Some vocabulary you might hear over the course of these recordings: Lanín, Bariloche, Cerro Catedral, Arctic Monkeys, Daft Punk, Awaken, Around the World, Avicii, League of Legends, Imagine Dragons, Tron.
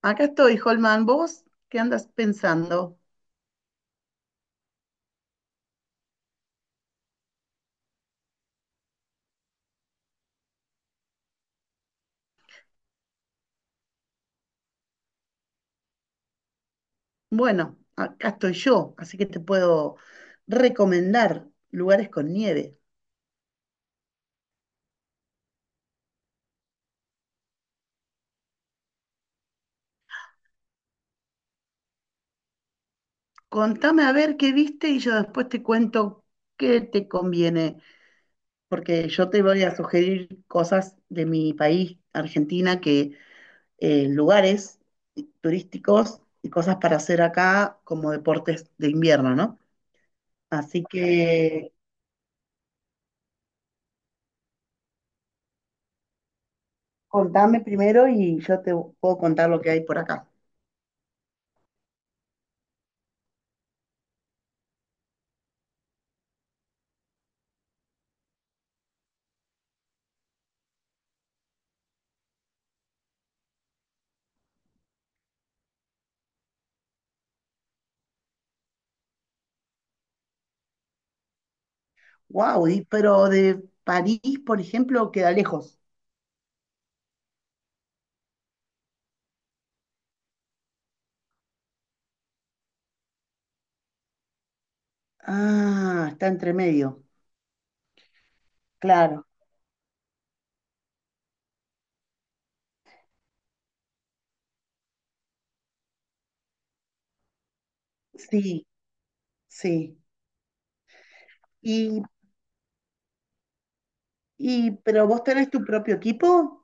Acá estoy, Holman. ¿Vos qué andas pensando? Bueno, acá estoy yo, así que te puedo recomendar lugares con nieve. Contame a ver qué viste y yo después te cuento qué te conviene, porque yo te voy a sugerir cosas de mi país, Argentina, que lugares turísticos y cosas para hacer acá como deportes de invierno, ¿no? Así que contame primero y yo te puedo contar lo que hay por acá. Wow, pero de París, por ejemplo, queda lejos. Ah, está entre medio. Claro, sí, sí. Y, y, pero vos tenés tu propio equipo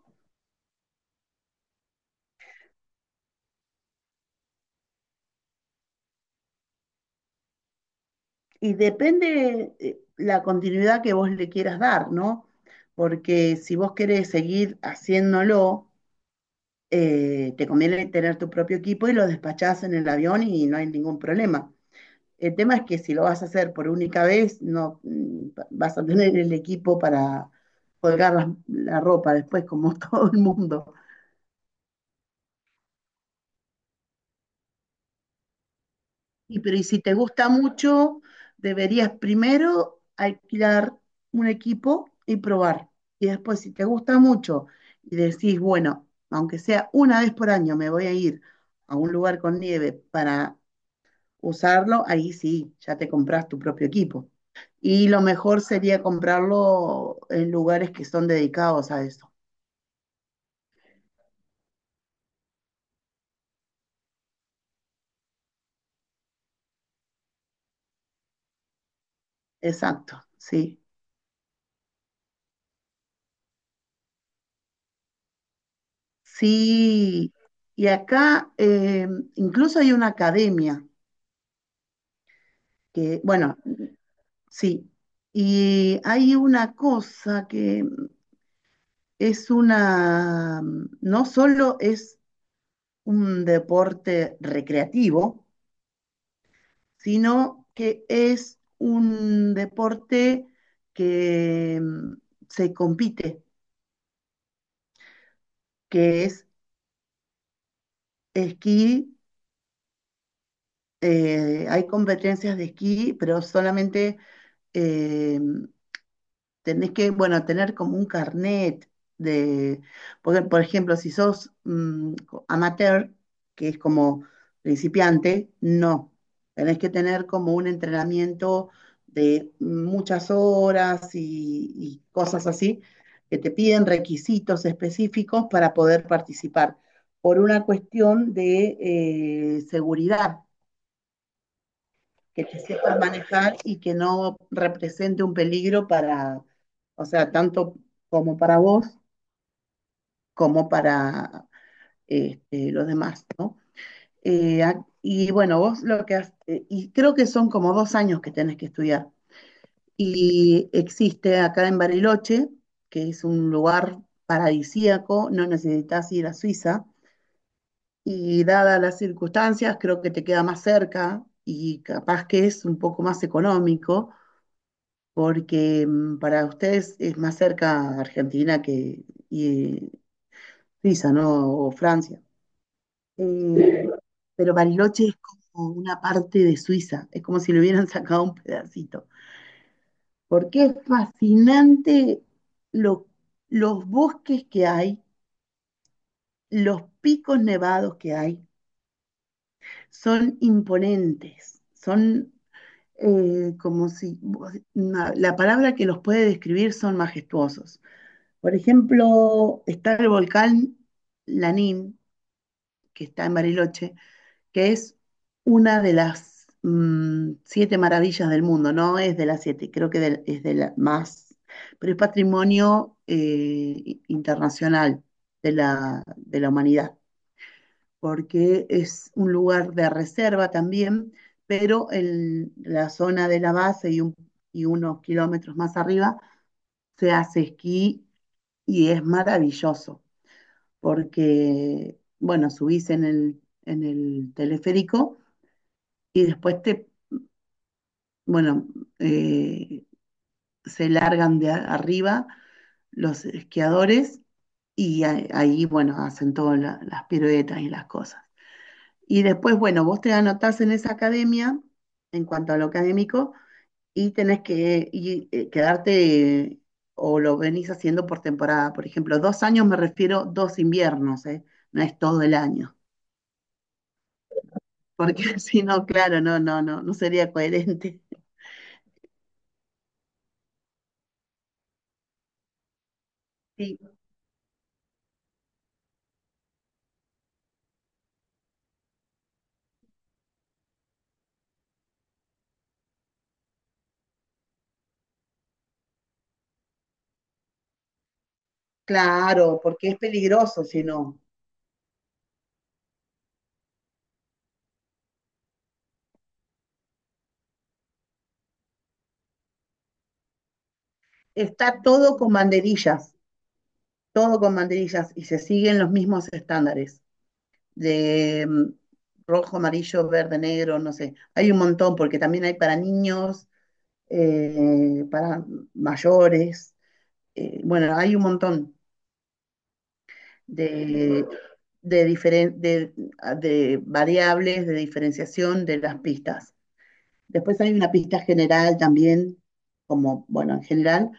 y depende la continuidad que vos le quieras dar, ¿no? Porque si vos querés seguir haciéndolo, te conviene tener tu propio equipo y lo despachás en el avión y no hay ningún problema. El tema es que si lo vas a hacer por única vez, no vas a tener el equipo para colgar la ropa después, como todo el mundo. Y, pero y si te gusta mucho, deberías primero alquilar un equipo y probar. Y después, si te gusta mucho y decís, bueno, aunque sea una vez por año me voy a ir a un lugar con nieve para usarlo, ahí sí, ya te compras tu propio equipo. Y lo mejor sería comprarlo en lugares que son dedicados a eso. Exacto, sí. Sí, y acá incluso hay una academia que, bueno, sí, y hay una cosa que es una, no solo es un deporte recreativo, sino que es un deporte que se compite, que es esquí. Hay competencias de esquí, pero solamente eh, tenés que, bueno, tener como un carnet de, porque, por ejemplo, si sos amateur, que es como principiante, no. Tenés que tener como un entrenamiento de muchas horas y cosas así, que te piden requisitos específicos para poder participar, por una cuestión de seguridad que te sepas manejar y que no represente un peligro para, o sea, tanto como para vos como para los demás, ¿no? Y bueno, vos lo que has, y creo que son como dos años que tenés que estudiar. Y existe acá en Bariloche, que es un lugar paradisíaco, no necesitas ir a Suiza, y dadas las circunstancias, creo que te queda más cerca y capaz que es un poco más económico porque para ustedes es más cerca Argentina que y, Suiza, ¿no? O Francia. Eh, pero Bariloche es como una parte de Suiza, es como si le hubieran sacado un pedacito, porque es fascinante lo- los bosques que hay, los picos nevados que hay, son imponentes, son como si, la palabra que los puede describir son majestuosos. Por ejemplo, está el volcán Lanín, que está en Bariloche, que es una de las siete maravillas del mundo, no es de las siete, creo que es de la más, pero es patrimonio internacional de la humanidad, porque es un lugar de reserva también, pero en la zona de la base y unos kilómetros más arriba se hace esquí y es maravilloso. Porque, bueno, subís en el teleférico y después bueno, eh, se largan de arriba los esquiadores y ahí, bueno, hacen todas las piruetas y las cosas. Y después, bueno, vos te anotás en esa academia en cuanto a lo académico y tenés que quedarte o lo venís haciendo por temporada. Por ejemplo, dos años me refiero dos inviernos, ¿eh? No es todo el año. Porque si no, claro, no, no, no, no sería coherente. Sí, claro, porque es peligroso si no. Está todo con banderillas y se siguen los mismos estándares de rojo, amarillo, verde, negro, no sé. Hay un montón porque también hay para niños, para mayores. Bueno, hay un montón de, de, diferen- de, de variables de diferenciación de las pistas. Después hay una pista general también, como, bueno, en general,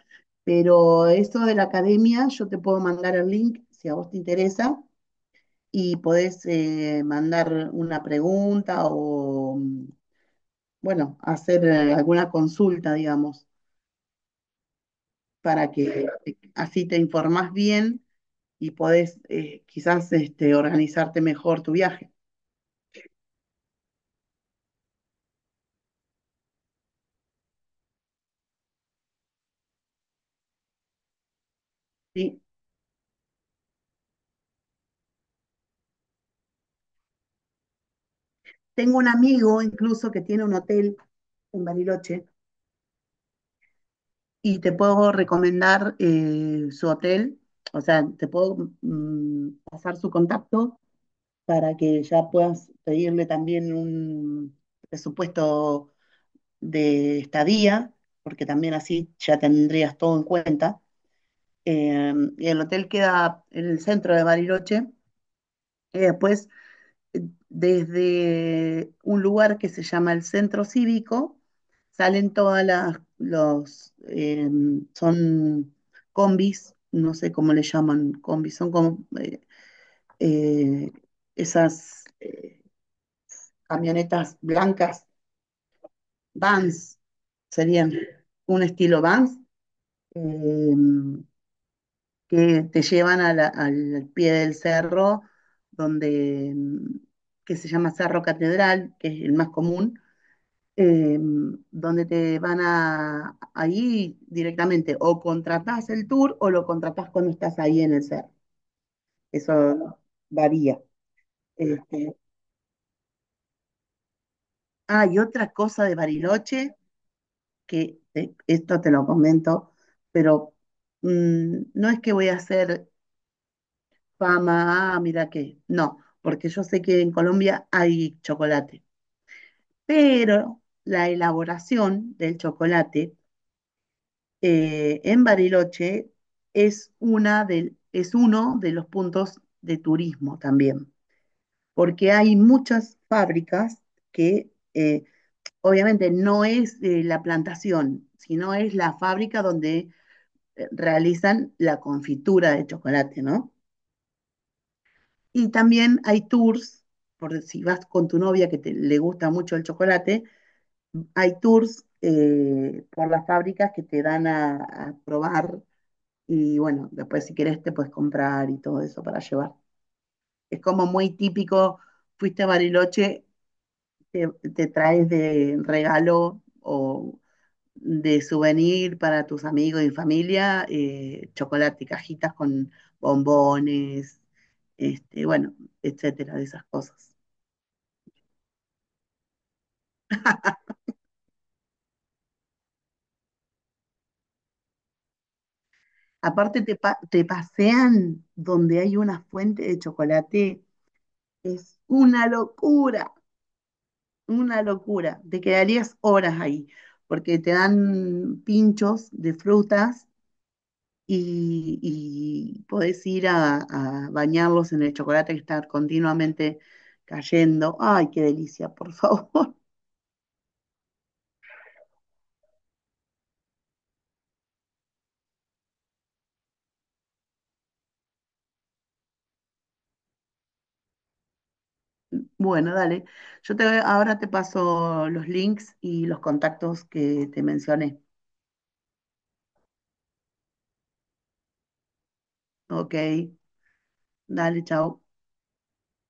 pero esto de la academia, yo te puedo mandar el link si a vos te interesa y podés mandar una pregunta o, bueno, hacer alguna consulta, digamos, para que así te informás bien y podés quizás organizarte mejor tu viaje. ¿Sí? Tengo un amigo incluso que tiene un hotel en Bariloche y te puedo recomendar su hotel, o sea, te puedo pasar su contacto para que ya puedas pedirle también un presupuesto de estadía, porque también así ya tendrías todo en cuenta. Y el hotel queda en el centro de Bariloche. Y después desde un lugar que se llama el Centro Cívico, salen todas son combis, no sé cómo le llaman combis, son como eh, esas camionetas blancas, vans, serían un estilo vans, eh, que te llevan a al pie del cerro, donde, que se llama Cerro Catedral, que es el más común, eh, donde te van ahí directamente, o contratás el tour o lo contratás cuando estás ahí en el CER. Eso varía. Este, y otra cosa de Bariloche, que esto te lo comento, pero no es que voy a hacer fama, ah, mira que, no, porque yo sé que en Colombia hay chocolate, pero la elaboración del chocolate en Bariloche es uno de los puntos de turismo también, porque hay muchas fábricas que obviamente no es la plantación, sino es la fábrica donde realizan la confitura de chocolate, ¿no? Y también hay tours, por si vas con tu novia que le gusta mucho el chocolate, hay tours por las fábricas que te dan a probar. Y bueno, después si querés te puedes comprar y todo eso para llevar. Es como muy típico, fuiste a Bariloche, te, te traes de regalo o de souvenir para tus amigos y familia, chocolate, cajitas con bombones, bueno, etcétera, de esas cosas. Aparte te pasean donde hay una fuente de chocolate, es una locura. Una locura, te quedarías horas ahí, porque te dan pinchos de frutas y, y podés ir a bañarlos en el chocolate que está continuamente cayendo. Ay, qué delicia, por favor. Bueno, dale. Yo ahora te paso los links y los contactos que te mencioné. Ok, dale, chao.